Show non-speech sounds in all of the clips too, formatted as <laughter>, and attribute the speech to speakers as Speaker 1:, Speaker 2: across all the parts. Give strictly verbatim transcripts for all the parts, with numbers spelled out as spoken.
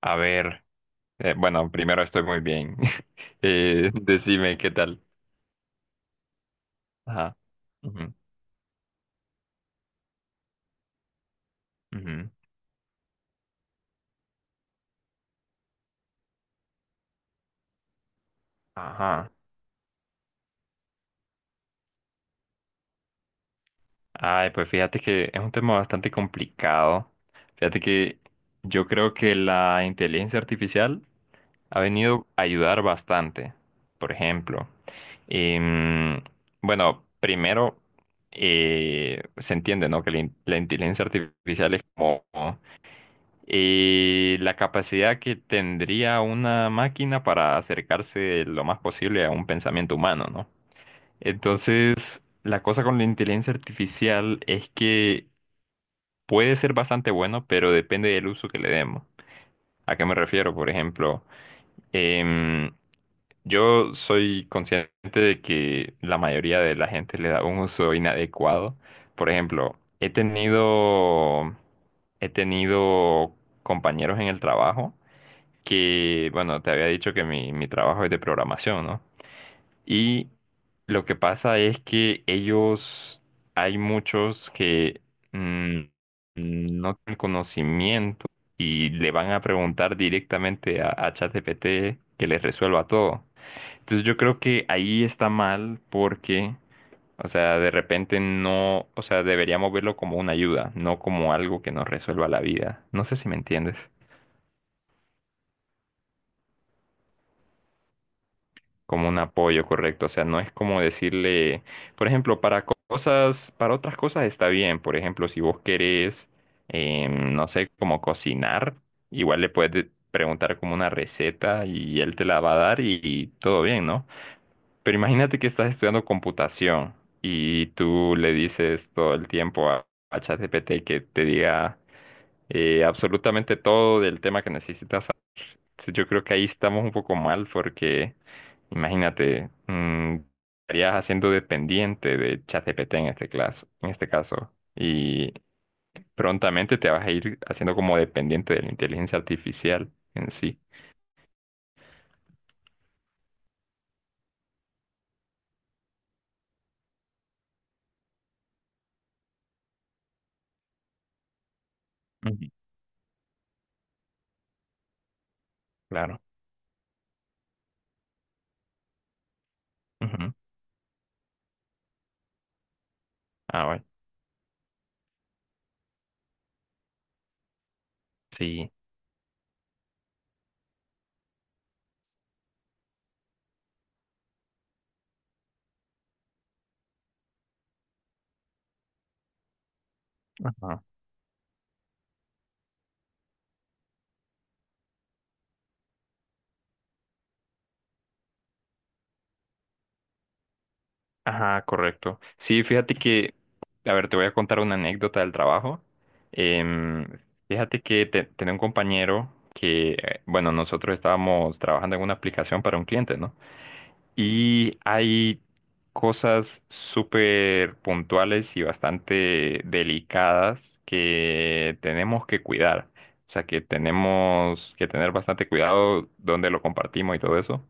Speaker 1: A ver, eh, bueno, primero estoy muy bien. <laughs> Eh, decime qué tal. Ajá. Ujú, ujú. Ajá. Ay, pues fíjate que es un tema bastante complicado. Fíjate que yo creo que la inteligencia artificial ha venido a ayudar bastante. Por ejemplo, em, bueno, primero eh, se entiende, ¿no? Que la, in- la inteligencia artificial es como y la capacidad que tendría una máquina para acercarse lo más posible a un pensamiento humano, ¿no? Entonces, la cosa con la inteligencia artificial es que puede ser bastante bueno, pero depende del uso que le demos. ¿A qué me refiero? Por ejemplo, em, yo soy consciente de que la mayoría de la gente le da un uso inadecuado. Por ejemplo, he tenido, he tenido compañeros en el trabajo que, bueno, te había dicho que mi, mi trabajo es de programación, ¿no? Y lo que pasa es que ellos, hay muchos que mm, no tienen conocimiento y le van a preguntar directamente a, a ChatGPT que les resuelva todo. Entonces yo creo que ahí está mal porque, o sea, de repente no, o sea, deberíamos verlo como una ayuda, no como algo que nos resuelva la vida. No sé si me entiendes. Como un apoyo, correcto. O sea, no es como decirle, por ejemplo, para co- cosas, para otras cosas está bien. Por ejemplo, si vos querés, eh, no sé, como cocinar, igual le puedes de- preguntar como una receta y él te la va a dar y, y todo bien, ¿no? Pero imagínate que estás estudiando computación y tú le dices todo el tiempo a, a ChatGPT que te diga eh, absolutamente todo del tema que necesitas. Yo creo que ahí estamos un poco mal porque imagínate, mm, estarías haciendo dependiente de ChatGPT en este caso, en este caso, y prontamente te vas a ir haciendo como dependiente de la inteligencia artificial en sí. Ujú. Claro. Ujú. Ah, bueno. Sí. Ajá. Ajá, correcto. Sí, fíjate que, a ver, te voy a contar una anécdota del trabajo. Em, fíjate que te- tenía un compañero que, eh, bueno, nosotros estábamos trabajando en una aplicación para un cliente, ¿no? Y hay cosas súper puntuales y bastante delicadas que tenemos que cuidar. O sea, que tenemos que tener bastante cuidado donde lo compartimos y todo eso.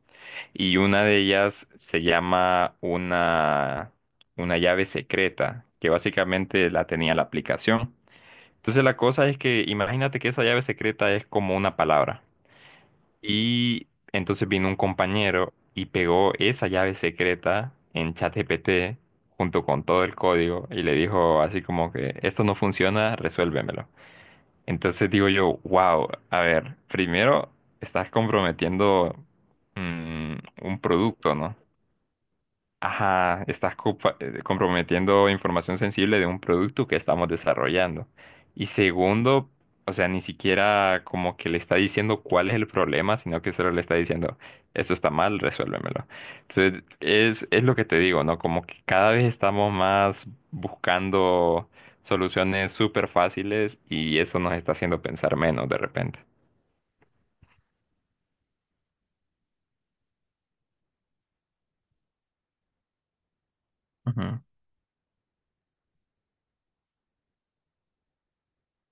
Speaker 1: Y una de ellas se llama una, una llave secreta, que básicamente la tenía la aplicación. Entonces la cosa es que imagínate que esa llave secreta es como una palabra. Y entonces vino un compañero y pegó esa llave secreta en ChatGPT junto con todo el código y le dijo así como que esto no funciona, resuélvemelo. Entonces digo yo, wow, a ver, primero estás comprometiendo mm, un producto, ¿no? Ajá, estás compa- eh, comprometiendo información sensible de un producto que estamos desarrollando. Y segundo, o sea, ni siquiera como que le está diciendo cuál es el problema, sino que solo le está diciendo, eso está mal, resuélvemelo. Entonces, es, es lo que te digo, ¿no? Como que cada vez estamos más buscando soluciones súper fáciles y eso nos está haciendo pensar menos de repente. Ujú,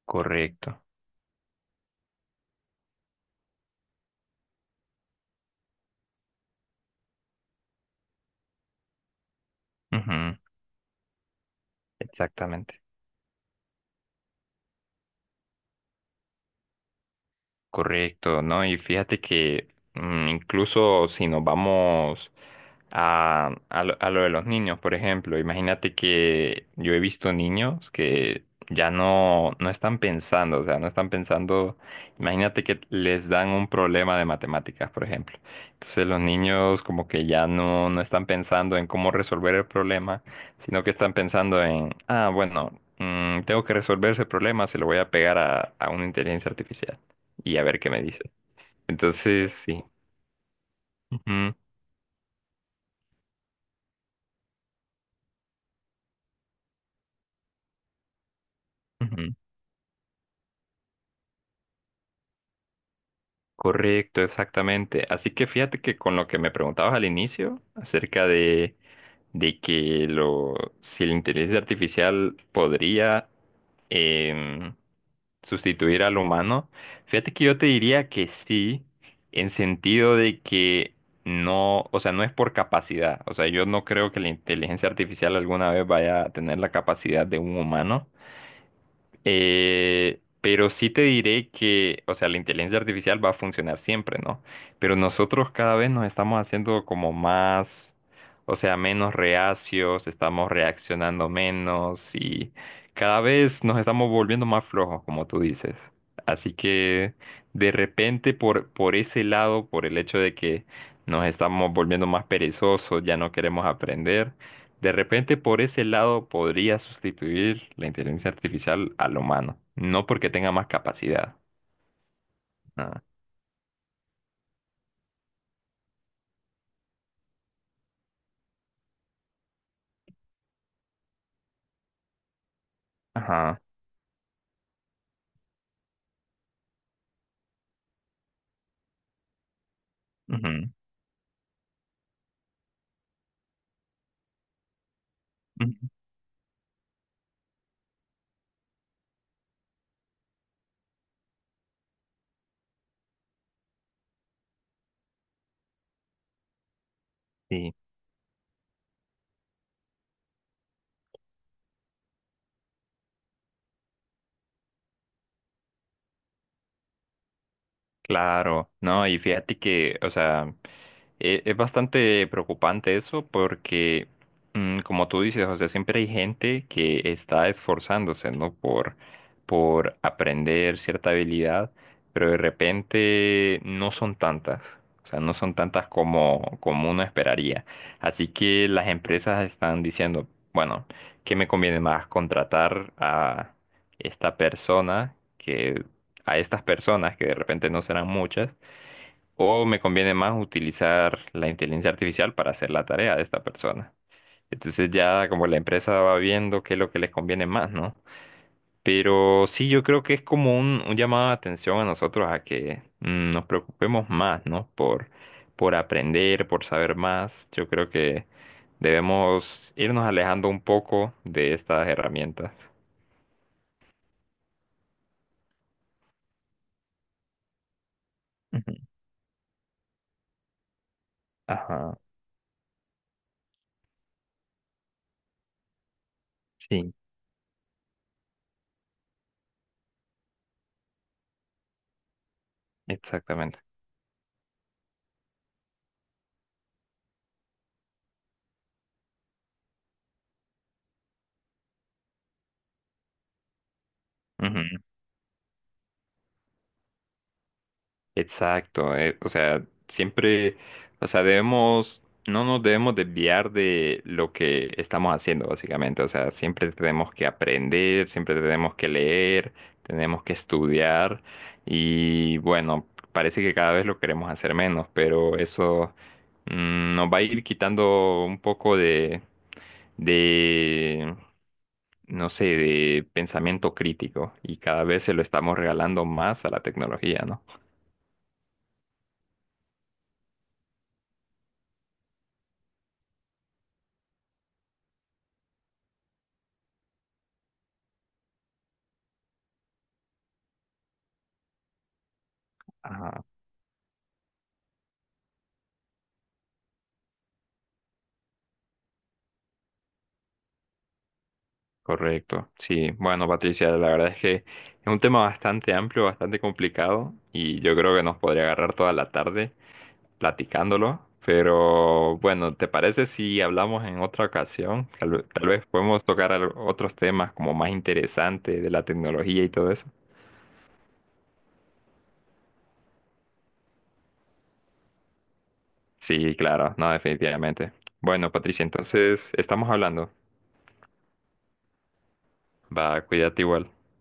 Speaker 1: correcto. Ujú, exactamente. Correcto, ¿no? Y fíjate que mm, incluso si nos vamos a, a lo, a lo de los niños, por ejemplo. Imagínate que yo he visto niños que ya no, no están pensando, o sea, no están pensando, imagínate que les dan un problema de matemáticas, por ejemplo. Entonces los niños como que ya no, no están pensando en cómo resolver el problema, sino que están pensando en, ah, bueno, mm, tengo que resolver ese problema, se lo voy a pegar a, a una inteligencia artificial y a ver qué me dice. Entonces, sí. Ujú, ujú. Correcto, exactamente. Así que fíjate que con lo que me preguntabas al inicio acerca de, de que lo, si la inteligencia artificial podría em, sustituir al humano, fíjate que yo te diría que sí, en sentido de que no, o sea, no es por capacidad. O sea, yo no creo que la inteligencia artificial alguna vez vaya a tener la capacidad de un humano eh, pero sí te diré que, o sea, la inteligencia artificial va a funcionar siempre, ¿no? Pero nosotros cada vez nos estamos haciendo como más, o sea, menos reacios, estamos reaccionando menos y cada vez nos estamos volviendo más flojos, como tú dices. Así que de repente por, por ese lado, por el hecho de que nos estamos volviendo más perezosos, ya no queremos aprender, de repente, por ese lado, podría sustituir la inteligencia artificial al humano. No porque tenga más capacidad. Ah, ajá. Ujú, ujú, sí. Claro, no, y fíjate que, o sea, e- es bastante preocupante eso porque, mm, como tú dices, o sea, siempre hay gente que está esforzándose, ¿no? Por, por aprender cierta habilidad, pero de repente no son tantas, o sea, no son tantas como, como uno esperaría. Así que las empresas están diciendo, bueno, ¿qué me conviene más? ¿Contratar a esta persona? Que a estas personas, que de repente no serán muchas, o me conviene más utilizar la inteligencia artificial para hacer la tarea de esta persona. Entonces ya como la empresa va viendo qué es lo que les conviene más, ¿no? Pero sí, yo creo que es como un, un llamado de atención a nosotros a que mm, nos preocupemos más, ¿no? Por, por aprender, por saber más. Yo creo que debemos irnos alejando un poco de estas herramientas. Ujú. Ajá, sí. Exactamente. Exacto, eh, o sea, siempre, o sea, debemos, no nos debemos desviar de lo que estamos haciendo, básicamente, o sea, siempre tenemos que aprender, siempre tenemos que leer, tenemos que estudiar y bueno, parece que cada vez lo queremos hacer menos, pero eso mm, nos va a ir quitando un poco de, de, no sé, de pensamiento crítico y cada vez se lo estamos regalando más a la tecnología, ¿no? Correcto, sí. Bueno, Patricia, la verdad es que es un tema bastante amplio, bastante complicado y yo creo que nos podría agarrar toda la tarde platicándolo, pero bueno, ¿te parece si hablamos en otra ocasión? Tal, ve- tal vez podemos tocar al- otros temas como más interesantes de la tecnología y todo eso. Sí, claro, no, definitivamente. Bueno, Patricia, entonces estamos hablando. Va, cuídate igual.